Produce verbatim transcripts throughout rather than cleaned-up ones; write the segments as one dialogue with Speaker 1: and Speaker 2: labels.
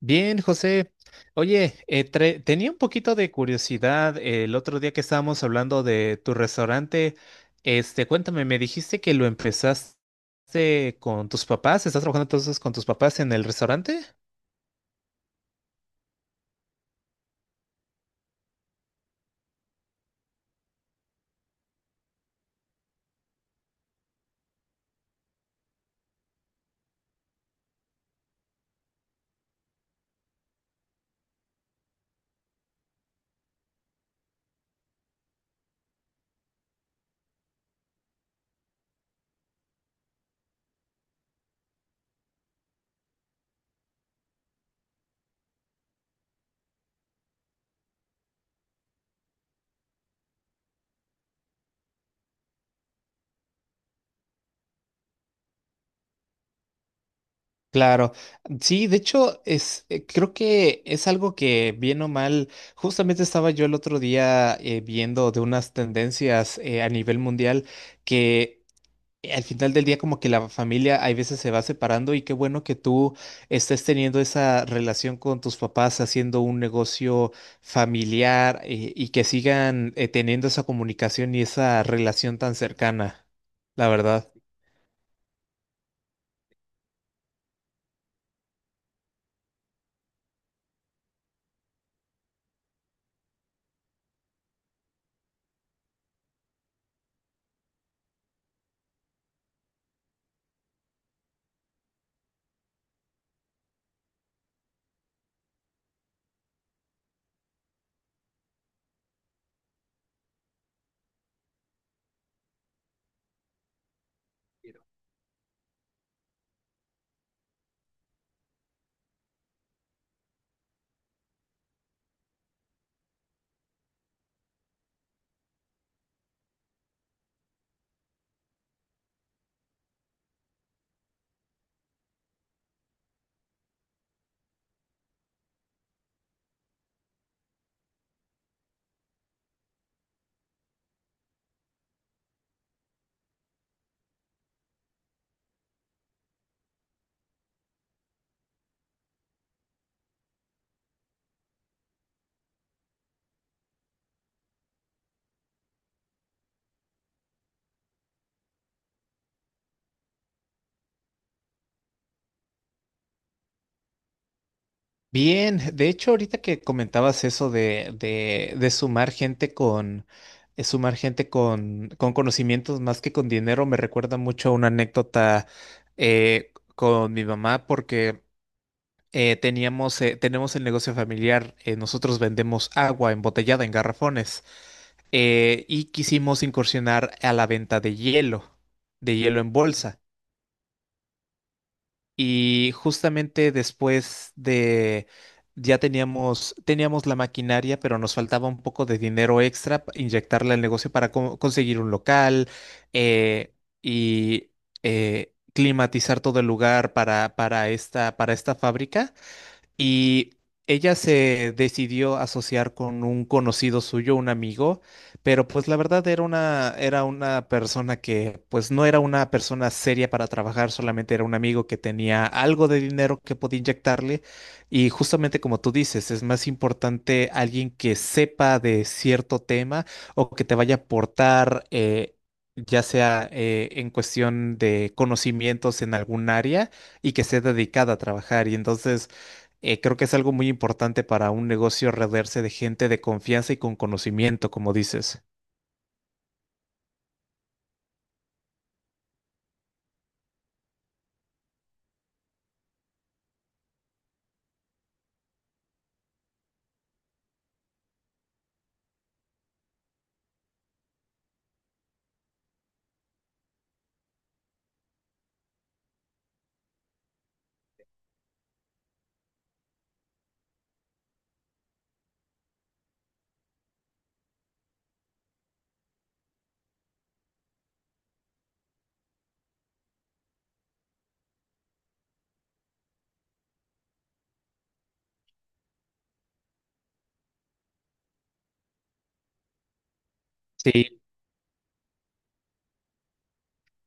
Speaker 1: Bien, José. Oye, eh, tre- tenía un poquito de curiosidad, eh, el otro día que estábamos hablando de tu restaurante. Este, cuéntame, me dijiste que lo empezaste con tus papás. ¿Estás trabajando entonces con tus papás en el restaurante? Claro, sí, de hecho, es, eh, creo que es algo que, bien o mal, justamente estaba yo el otro día, eh, viendo de unas tendencias, eh, a nivel mundial que eh, al final del día, como que la familia hay veces se va separando, y qué bueno que tú estés teniendo esa relación con tus papás, haciendo un negocio familiar, eh, y que sigan, eh, teniendo esa comunicación y esa relación tan cercana, la verdad. Bien, de hecho, ahorita que comentabas eso de, de, de sumar gente con... eh, sumar gente con, con conocimientos más que con dinero, me recuerda mucho a una anécdota eh, con mi mamá, porque eh, teníamos, eh, tenemos el negocio familiar. Eh, nosotros vendemos agua embotellada en garrafones, eh, y quisimos incursionar a la venta de hielo, de hielo en bolsa. Y justamente, después de, ya teníamos, teníamos la maquinaria, pero nos faltaba un poco de dinero extra pa- inyectarle al negocio para co- conseguir un local, eh, y eh, climatizar todo el lugar para, para esta, para esta fábrica. Y ella se decidió asociar con un conocido suyo, un amigo, pero pues la verdad era una, era una persona que, pues, no era una persona seria para trabajar, solamente era un amigo que tenía algo de dinero que podía inyectarle. Y justamente, como tú dices, es más importante alguien que sepa de cierto tema o que te vaya a aportar, eh, ya sea, eh, en cuestión de conocimientos en algún área, y que sea dedicada a trabajar. Y entonces, eh, creo que es algo muy importante para un negocio rodearse de gente de confianza y con conocimiento, como dices. Sí,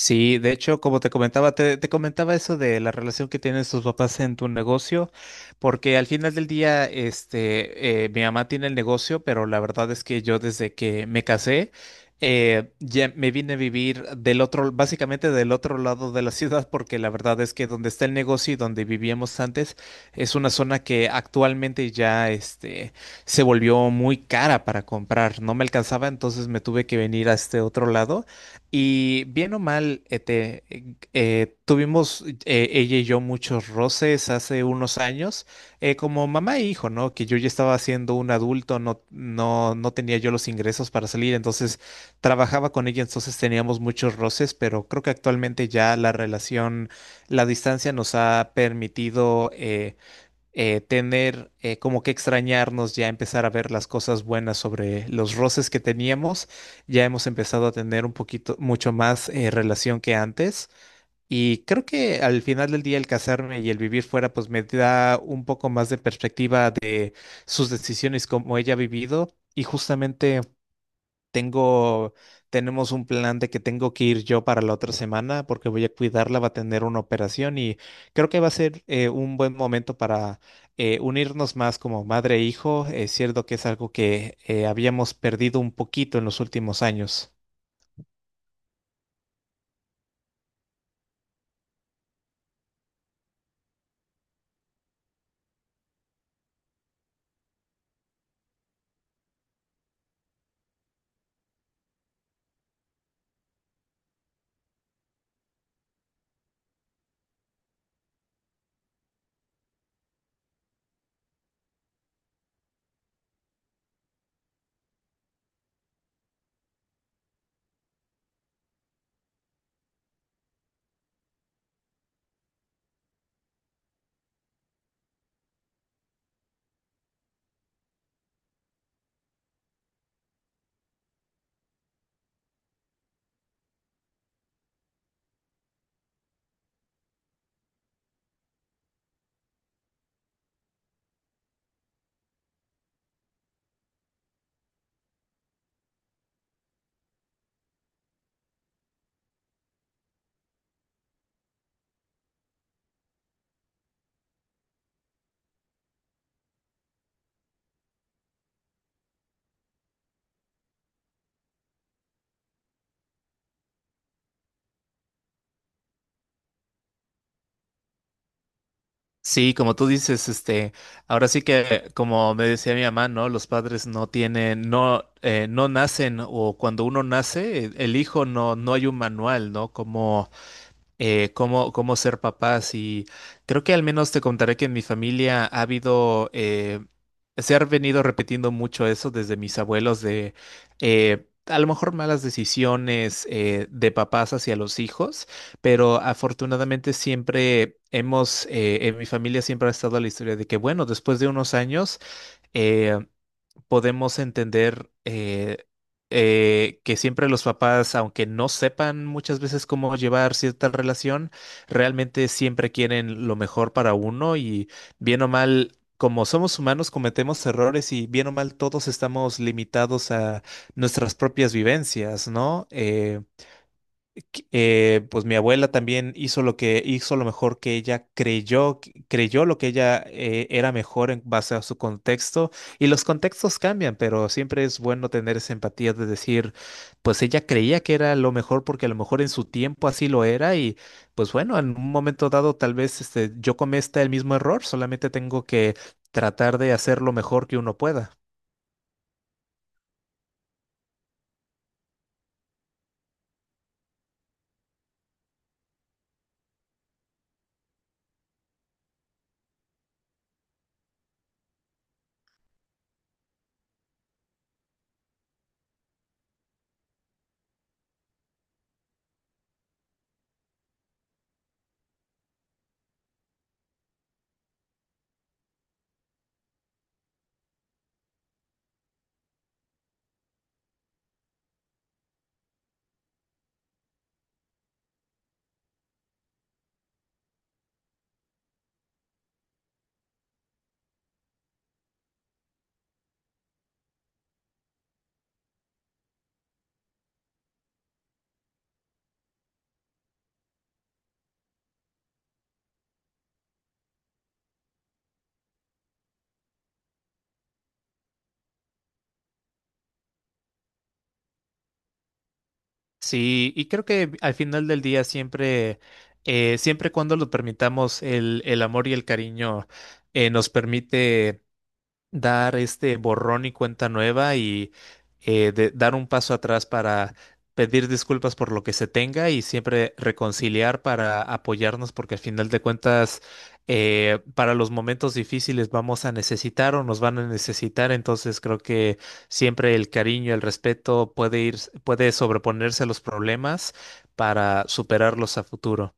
Speaker 1: sí, de hecho, como te comentaba, te, te comentaba eso de la relación que tienen sus papás en tu negocio, porque al final del día, este, eh, mi mamá tiene el negocio, pero la verdad es que yo, desde que me casé, eh, ya me vine a vivir del otro, básicamente del otro lado de la ciudad, porque la verdad es que donde está el negocio y donde vivíamos antes es una zona que actualmente ya, este, se volvió muy cara para comprar, no me alcanzaba, entonces me tuve que venir a este otro lado. Y bien o mal, este, eh, eh, tuvimos, eh, ella y yo, muchos roces hace unos años, eh, como mamá e hijo, ¿no? Que yo ya estaba siendo un adulto, no, no, no tenía yo los ingresos para salir, entonces trabajaba con ella, entonces teníamos muchos roces, pero creo que actualmente ya la relación, la distancia nos ha permitido, eh, eh, tener, eh, como que extrañarnos, ya empezar a ver las cosas buenas sobre los roces que teníamos. Ya hemos empezado a tener un poquito, mucho más, eh, relación que antes. Y creo que al final del día, el casarme y el vivir fuera, pues me da un poco más de perspectiva de sus decisiones, como ella ha vivido. Y justamente tengo, tenemos un plan de que tengo que ir yo para la otra semana, porque voy a cuidarla, va a tener una operación, y creo que va a ser, eh, un buen momento para, eh, unirnos más como madre e hijo. Es cierto que es algo que, eh, habíamos perdido un poquito en los últimos años. Sí, como tú dices, este, ahora sí que, como me decía mi mamá, ¿no? Los padres no tienen, no, eh, no nacen, o cuando uno nace, el hijo, no, no hay un manual, ¿no? Como, eh, cómo, cómo ser papás. Y creo que, al menos, te contaré que en mi familia ha habido, eh, se ha venido repitiendo mucho eso desde mis abuelos, de, eh, a lo mejor malas decisiones, eh, de papás hacia los hijos, pero afortunadamente siempre hemos, eh, en mi familia siempre ha estado la historia de que, bueno, después de unos años, eh, podemos entender, eh, eh, que siempre los papás, aunque no sepan muchas veces cómo llevar cierta relación, realmente siempre quieren lo mejor para uno, y, bien o mal, como somos humanos, cometemos errores. Y bien o mal, todos estamos limitados a nuestras propias vivencias, ¿no? Eh, eh, pues mi abuela también hizo lo que hizo lo mejor que ella creyó, que- creyó lo que ella, eh, era mejor en base a su contexto, y los contextos cambian, pero siempre es bueno tener esa empatía de decir, pues ella creía que era lo mejor porque a lo mejor en su tiempo así lo era. Y pues bueno, en un momento dado tal vez, este, yo cometa el mismo error, solamente tengo que tratar de hacer lo mejor que uno pueda. Sí, y creo que al final del día siempre, eh, siempre cuando lo permitamos, el, el amor y el cariño, eh, nos permite dar este borrón y cuenta nueva, y, eh, de- dar un paso atrás para pedir disculpas por lo que se tenga, y siempre reconciliar para apoyarnos, porque al final de cuentas, eh, para los momentos difíciles vamos a necesitar, o nos van a necesitar. Entonces creo que siempre el cariño, el respeto puede ir, puede sobreponerse a los problemas para superarlos a futuro.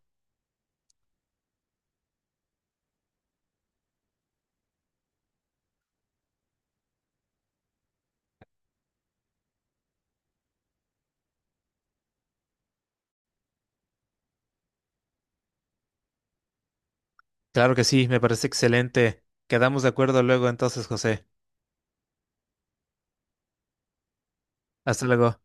Speaker 1: Claro que sí, me parece excelente. Quedamos de acuerdo luego entonces, José. Hasta luego.